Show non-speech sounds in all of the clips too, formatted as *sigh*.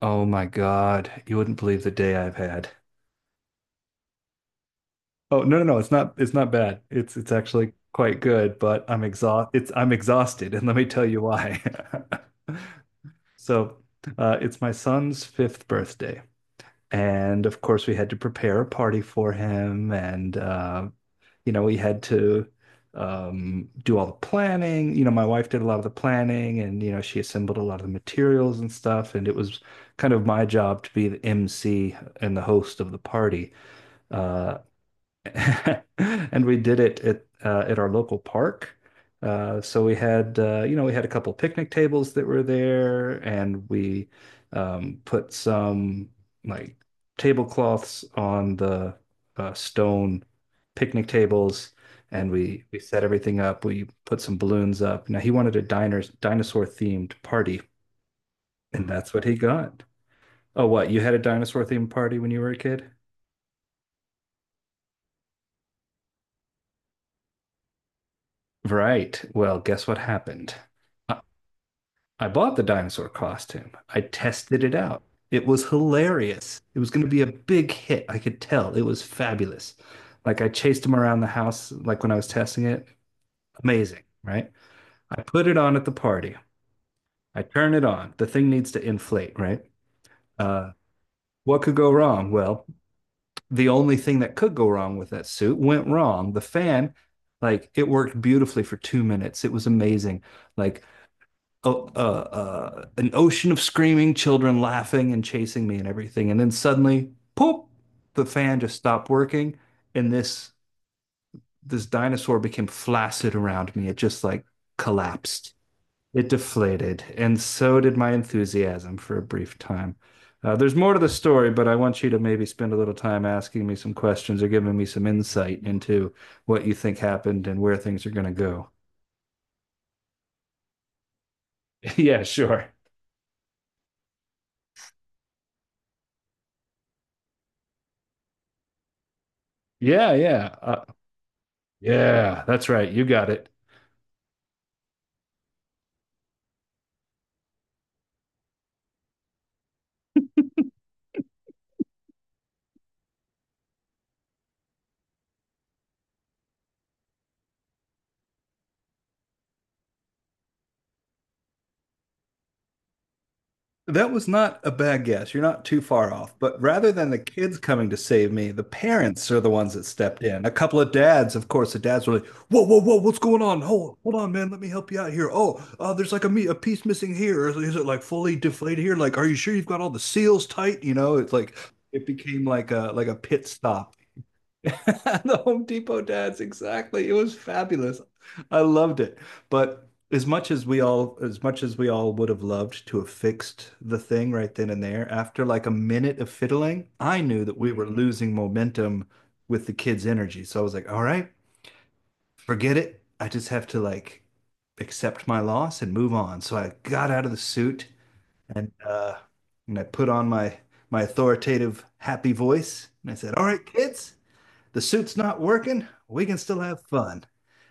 Oh my God. You wouldn't believe the day I've had. Oh, no, no, no. It's not bad. It's actually quite good, but I'm exhausted, and let me tell you why. *laughs* So, it's my son's fifth birthday. And of course, we had to prepare a party for him, and you know, we had to do all the planning. You know, my wife did a lot of the planning and, you know, she assembled a lot of the materials and stuff. And it was kind of my job to be the MC and the host of the party. Uh, *laughs* And we did it at our local park. So we had you know, we had a couple picnic tables that were there, and we put some like tablecloths on the stone picnic tables, and we set everything up. We put some balloons up. Now he wanted a diners dinosaur themed party, and that's what he got. Oh, what? You had a dinosaur themed party when you were a kid? Right. Well, guess what happened? I bought the dinosaur costume. I tested it out. It was hilarious. It was going to be a big hit. I could tell. It was fabulous. Like, I chased him around the house, like when I was testing it. Amazing, right? I put it on at the party. I turn it on. The thing needs to inflate, right? Uh, what could go wrong? Well, the only thing that could go wrong with that suit went wrong. The fan, like, it worked beautifully for 2 minutes. It was amazing. Like, a an ocean of screaming children laughing and chasing me and everything. And then suddenly, poof, the fan just stopped working, and this dinosaur became flaccid around me. It just like collapsed. It deflated, and so did my enthusiasm for a brief time. There's more to the story, but I want you to maybe spend a little time asking me some questions or giving me some insight into what you think happened and where things are going to go. *laughs* Yeah, sure. Yeah, yeah. Uh, Yeah, that's right. You got it. *laughs* That was not a bad guess. You're not too far off. But rather than the kids coming to save me, the parents are the ones that stepped in. A couple of dads, of course, the dads were like, "Whoa, whoa, whoa, what's going on? Hold on, man. Let me help you out here. Oh, there's like a a piece missing here. Is it like fully deflated here? Like, are you sure you've got all the seals tight? You know, it's like it became like a pit stop." *laughs* The Home Depot dads, exactly. It was fabulous. I loved it. But as much as we all would have loved to have fixed the thing right then and there, after like a minute of fiddling, I knew that we were losing momentum with the kids' energy. So I was like, all right, forget it. I just have to like accept my loss and move on. So I got out of the suit and and I put on my authoritative happy voice, and I said, "All right, kids, the suit's not working. We can still have fun."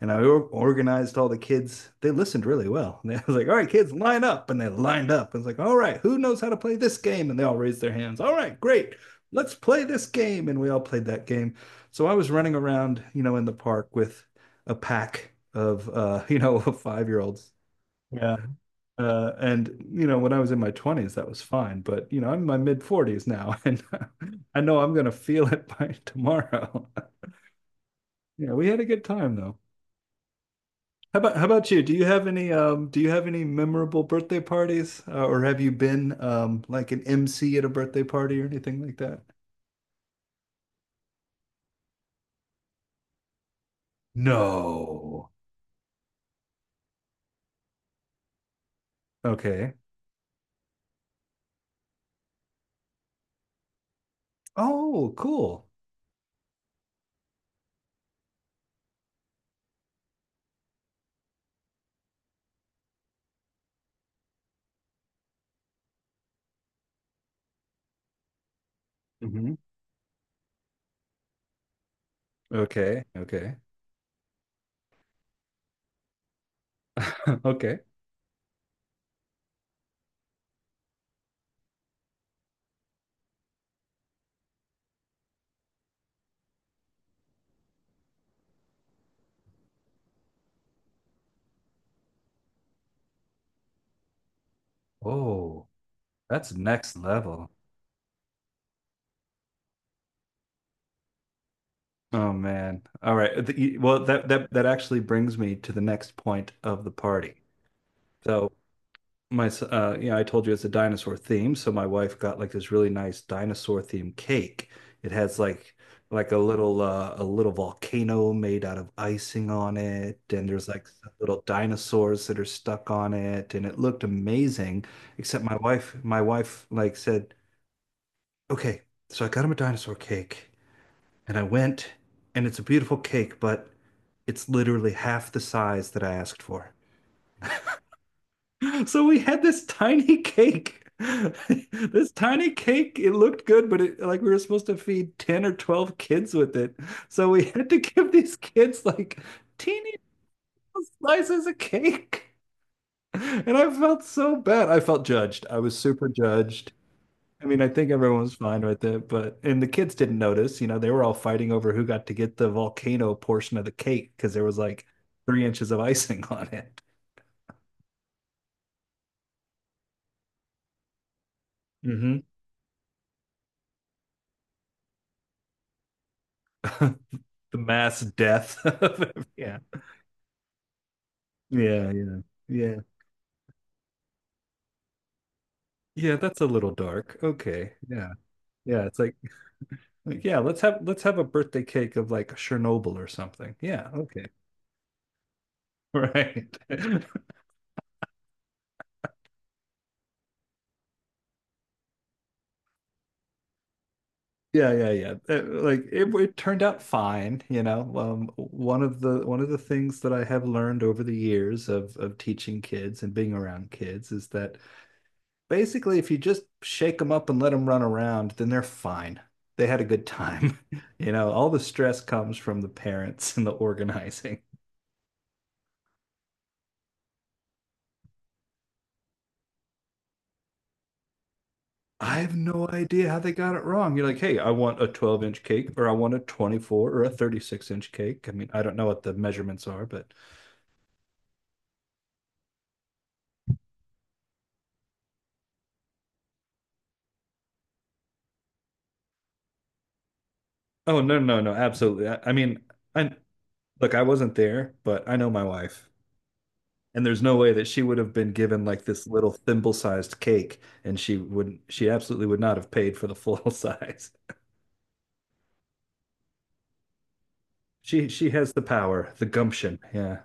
And I organized all the kids. They listened really well. *laughs* And I was like, all right, kids, line up. And they lined up. I was like, all right, who knows how to play this game? And they all raised their hands. All right, great. Let's play this game. And we all played that game. So I was running around, you know, in the park with a pack of, *laughs* you know, 5 year olds. Yeah. And you know, when I was in my 20s, that was fine, but you know, I'm in my mid 40s now, and *laughs* I know I'm gonna feel it by tomorrow. *laughs* Yeah, we had a good time though. How about you? Do you have any do you have any memorable birthday parties or have you been like an MC at a birthday party or anything like that? No. Okay. Oh, cool. Hmm. Okay. Okay. *laughs* Okay. Oh, that's next level. Oh man. All right. Well, that actually brings me to the next point of the party. So my you know, I told you it's a dinosaur theme, so my wife got like this really nice dinosaur themed cake. It has like a little volcano made out of icing on it, and there's like little dinosaurs that are stuck on it, and it looked amazing, except my wife like said, okay, so I got him a dinosaur cake, and I went, and it's a beautiful cake, but it's literally half the size that I asked for. So we had this tiny cake. *laughs* This tiny cake, it looked good, but it like we were supposed to feed 10 or 12 kids with it. So we *laughs* had to give these kids like teeny little slices of cake. And I felt so bad. I felt judged. I was super judged. I mean, I think everyone was fine with it, but and the kids didn't notice. You know, they were all fighting over who got to get the volcano portion of the cake because there was like 3 inches of icing *laughs* on it. Hmm. *laughs* The mass death *laughs* of it. Yeah. Yeah, yeah, yeah, yeah. That's a little dark. Okay, yeah. It's like, yeah, let's have a birthday cake of like Chernobyl or something. Yeah, okay, *laughs* right. *laughs* Yeah. Like it turned out fine. You know, one of the things that I have learned over the years of teaching kids and being around kids is that basically, if you just shake them up and let them run around, then they're fine. They had a good time. *laughs* You know, all the stress comes from the parents and the organizing. I have no idea how they got it wrong. You're like, hey, I want a 12-inch cake, or I want a 24 or a 36-inch cake. I mean, I don't know what the measurements are, but oh, no, no, no, absolutely. I mean, I look, I wasn't there, but I know my wife, and there's no way that she would have been given like this little thimble sized cake, and she wouldn't, she absolutely would not have paid for the full *laughs* size. She has the power, the gumption. Yeah.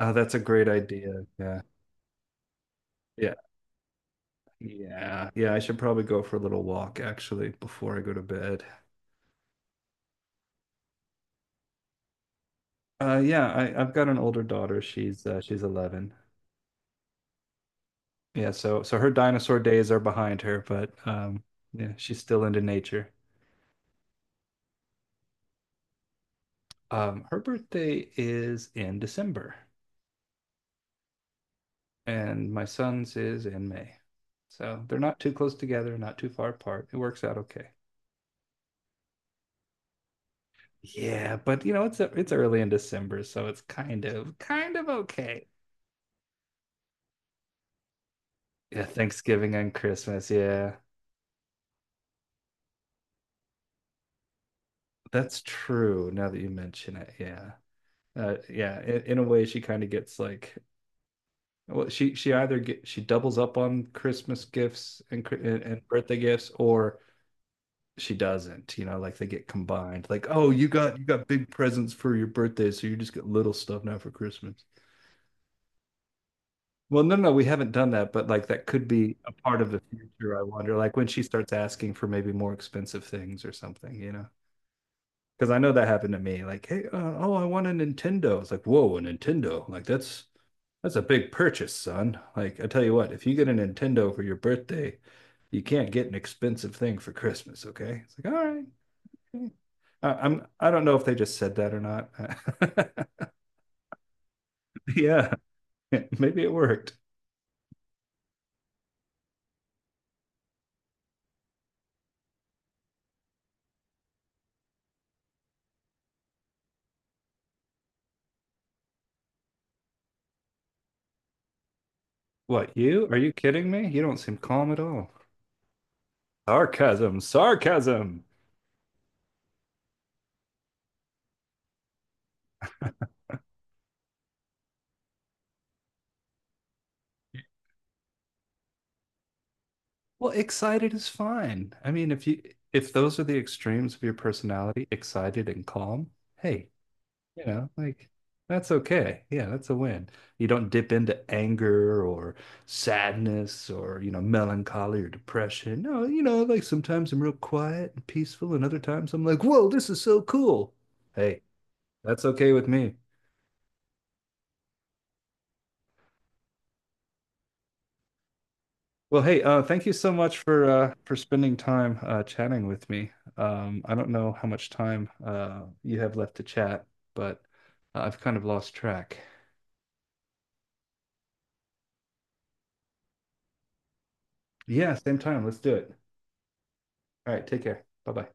Oh, that's a great idea. Yeah. Yeah. Yeah, yeah, I should probably go for a little walk actually before I go to bed. Yeah, I've got an older daughter. She's 11. Yeah, so her dinosaur days are behind her, but yeah, she's still into nature. Her birthday is in December and my son's is in May. So they're not too close together, not too far apart. It works out okay. Yeah, but you know, it's early in December, so it's kind of okay. Yeah, Thanksgiving and Christmas. Yeah. That's true now that you mention it. Yeah. In a way she kind of gets like she either get she doubles up on Christmas gifts and birthday gifts, or she doesn't, you know, like they get combined. Like, oh, you got big presents for your birthday, so you just get little stuff now for Christmas. Well, no, no, we haven't done that, but like that could be a part of the future, I wonder. Like when she starts asking for maybe more expensive things or something, you know. Because I know that happened to me. Like, hey, oh, I want a Nintendo. It's like, whoa, a Nintendo. Like, that's a big purchase, son. Like, I tell you what, if you get a Nintendo for your birthday, you can't get an expensive thing for Christmas, okay? It's like, all right. Okay. I don't know if they just said that or not. *laughs* Yeah, maybe it worked. What, you? Are you kidding me? You don't seem calm at all. Sarcasm, sarcasm. Well, excited is fine. I mean, if those are the extremes of your personality, excited and calm, hey, you know, like that's okay. Yeah, that's a win. You don't dip into anger or sadness or, you know, melancholy or depression. No, you know, like sometimes I'm real quiet and peaceful, and other times I'm like, whoa, this is so cool. Hey, that's okay with me. Well, hey, thank you so much for spending time chatting with me. I don't know how much time you have left to chat, but I've kind of lost track. Yeah, same time. Let's do it. All right, take care. Bye bye.